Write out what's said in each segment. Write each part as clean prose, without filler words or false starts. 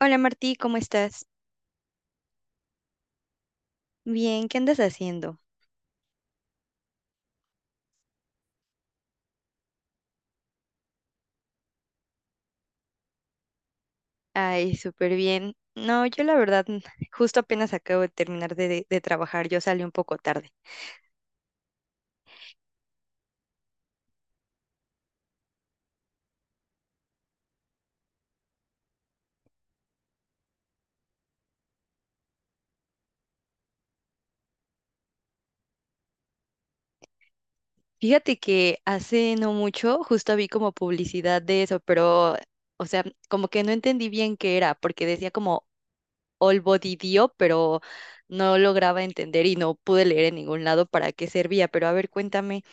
Hola Martí, ¿cómo estás? Bien, ¿qué andas haciendo? Ay, súper bien. No, yo la verdad, justo apenas acabo de terminar de trabajar, yo salí un poco tarde. Fíjate que hace no mucho justo vi como publicidad de eso, pero, o sea, como que no entendí bien qué era, porque decía como All Body Dio, pero no lograba entender y no pude leer en ningún lado para qué servía. Pero a ver, cuéntame.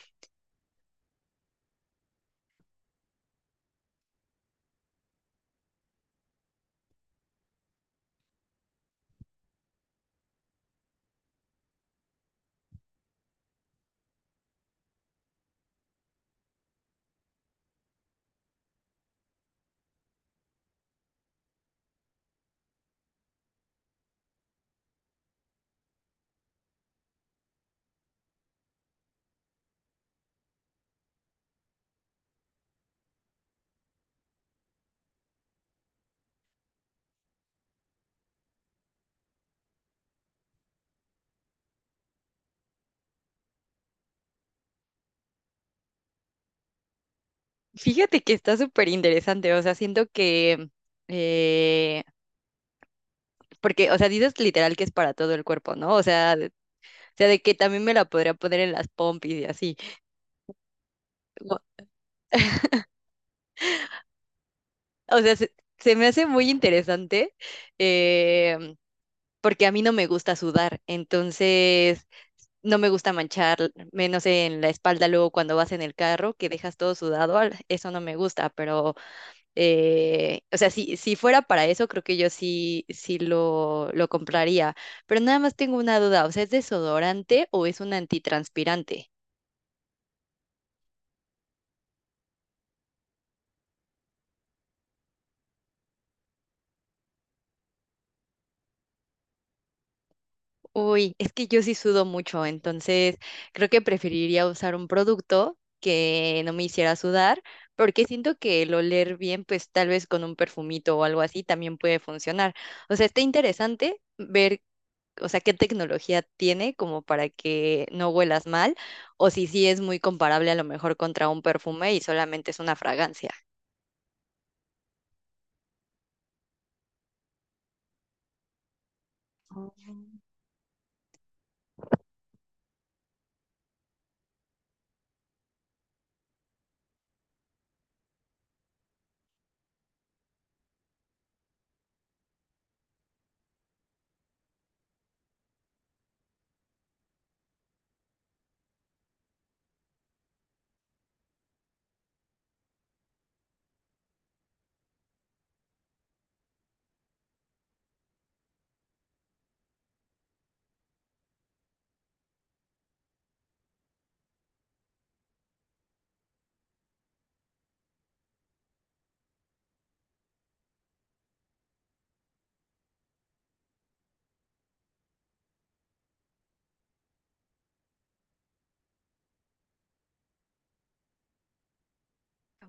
Fíjate que está súper interesante, o sea, siento que... eh, Porque, o sea, dices literal que es para todo el cuerpo, ¿no? O sea, de que también me la podría poner en las pompis y así. O, o sea, se me hace muy interesante, eh, porque a mí no me gusta sudar, entonces no me gusta manchar, menos en la espalda luego cuando vas en el carro, que dejas todo sudado, eso no me gusta, pero o sea, si fuera para eso, creo que yo sí, sí lo compraría, pero nada más tengo una duda, o sea, ¿es desodorante o es un antitranspirante? Uy, es que yo sí sudo mucho, entonces creo que preferiría usar un producto que no me hiciera sudar, porque siento que el oler bien, pues tal vez con un perfumito o algo así también puede funcionar. O sea, está interesante ver, o sea, qué tecnología tiene como para que no huelas mal, o si sí es muy comparable a lo mejor contra un perfume y solamente es una fragancia.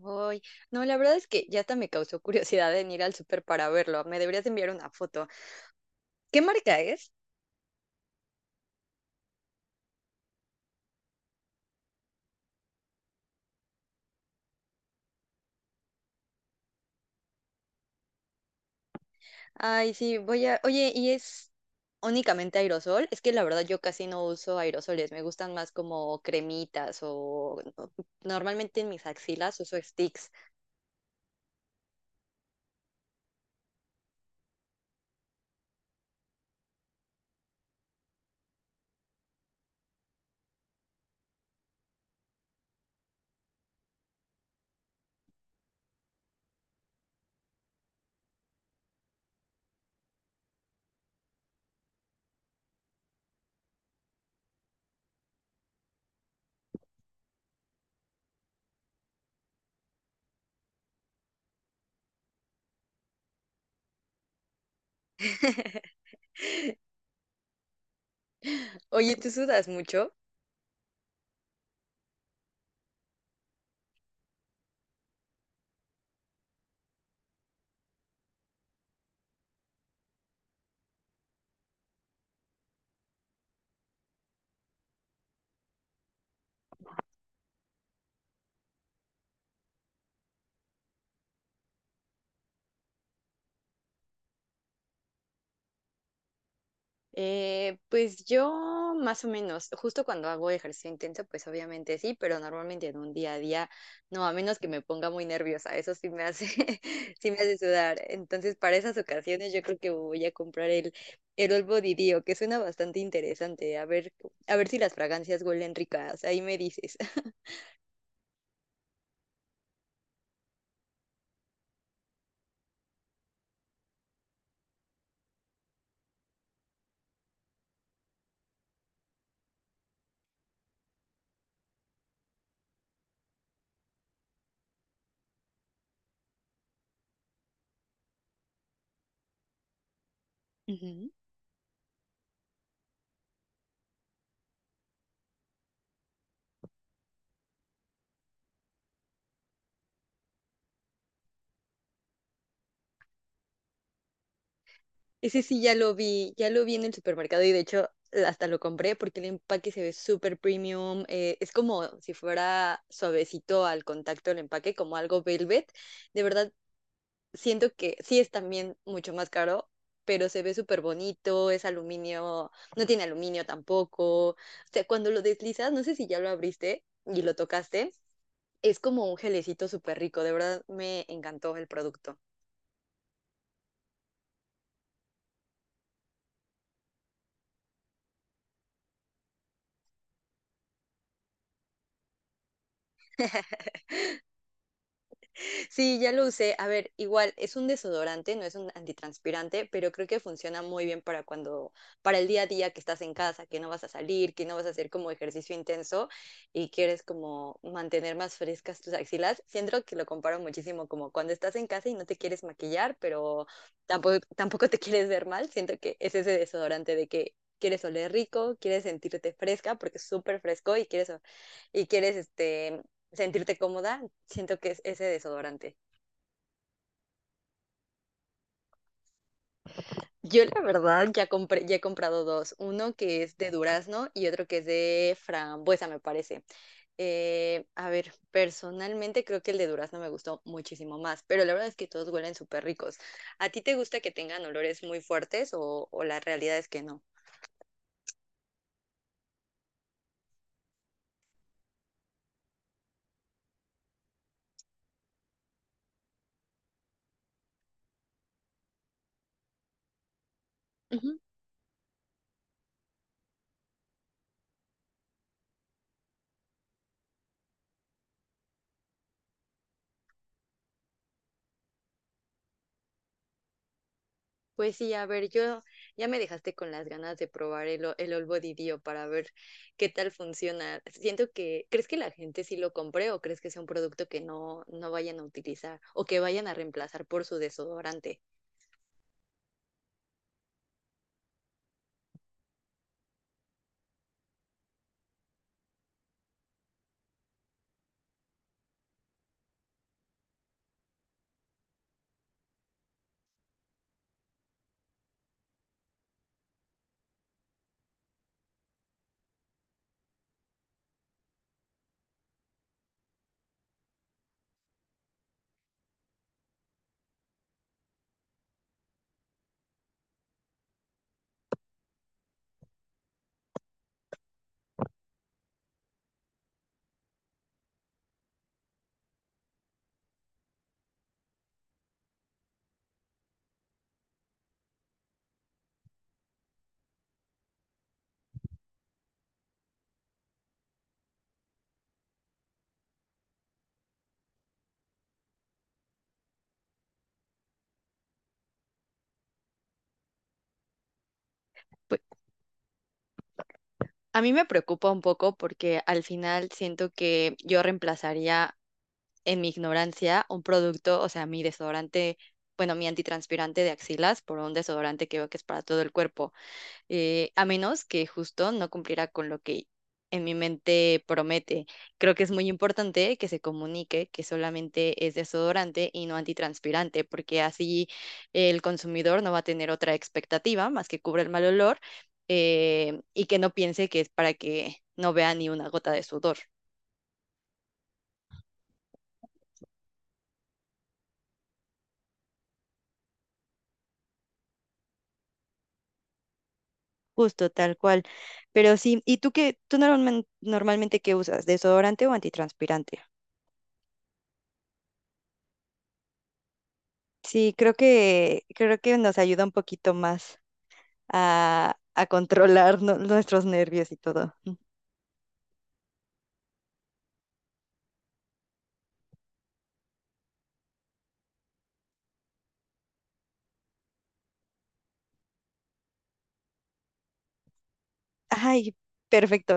Uy, no, la verdad es que ya hasta me causó curiosidad en ir al súper para verlo. Me deberías enviar una foto. ¿Qué marca es? Ay, sí, voy a... Oye, ¿y es únicamente aerosol? Es que la verdad yo casi no uso aerosoles, me gustan más como cremitas o no, normalmente en mis axilas uso sticks. Oye, ¿tú sudas mucho? Pues yo más o menos, justo cuando hago ejercicio intenso, pues obviamente sí, pero normalmente en un día a día, no, a menos que me ponga muy nerviosa, eso sí me hace, sí me hace sudar. Entonces, para esas ocasiones yo creo que voy a comprar el All Body Dio, que suena bastante interesante. A ver si las fragancias huelen ricas, ahí me dices. Ujú. Ese sí ya lo vi en el supermercado y de hecho, hasta lo compré porque el empaque se ve súper premium. Es como si fuera suavecito al contacto el empaque, como algo velvet. De verdad, siento que sí es también mucho más caro, pero se ve súper bonito, es aluminio, no tiene aluminio tampoco. O sea, cuando lo deslizas, no sé si ya lo abriste y lo tocaste, es como un gelecito súper rico. De verdad, me encantó el producto. Sí, ya lo usé. A ver, igual es un desodorante, no es un antitranspirante, pero creo que funciona muy bien para cuando, para el día a día que estás en casa, que no vas a salir, que no vas a hacer como ejercicio intenso y quieres como mantener más frescas tus axilas. Siento que lo comparo muchísimo como cuando estás en casa y no te quieres maquillar, pero tampoco te quieres ver mal. Siento que es ese desodorante de que quieres oler rico, quieres sentirte fresca porque es súper fresco y quieres sentirte cómoda, siento que es ese desodorante. Yo la verdad ya he comprado dos, uno que es de durazno y otro que es de frambuesa, me parece. A ver, personalmente creo que el de durazno me gustó muchísimo más, pero la verdad es que todos huelen súper ricos. ¿A ti te gusta que tengan olores muy fuertes o la realidad es que no? Ujú. Pues sí, a ver, yo ya me dejaste con las ganas de probar el All Body Dio para ver qué tal funciona. Siento que, ¿crees que la gente sí lo compre o crees que sea un producto que no, no vayan a utilizar o que vayan a reemplazar por su desodorante? Pues a mí me preocupa un poco porque al final siento que yo reemplazaría en mi ignorancia un producto, o sea, mi desodorante, bueno, mi antitranspirante de axilas por un desodorante que veo que es para todo el cuerpo. A menos que justo no cumpliera con lo que en mi mente promete. Creo que es muy importante que se comunique que solamente es desodorante y no antitranspirante, porque así el consumidor no va a tener otra expectativa más que cubre el mal olor, y que no piense que es para que no vea ni una gota de sudor. Justo, tal cual. Pero sí, ¿y tú qué, normalmente qué usas? ¿Desodorante o antitranspirante? Sí, creo que nos ayuda un poquito más. A, a controlar nuestros nervios y todo. Ay, perfecto.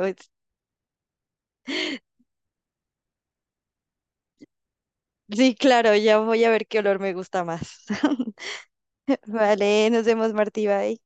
Sí, claro, ya voy a ver qué olor me gusta más. Vale, nos vemos, Martí, bye.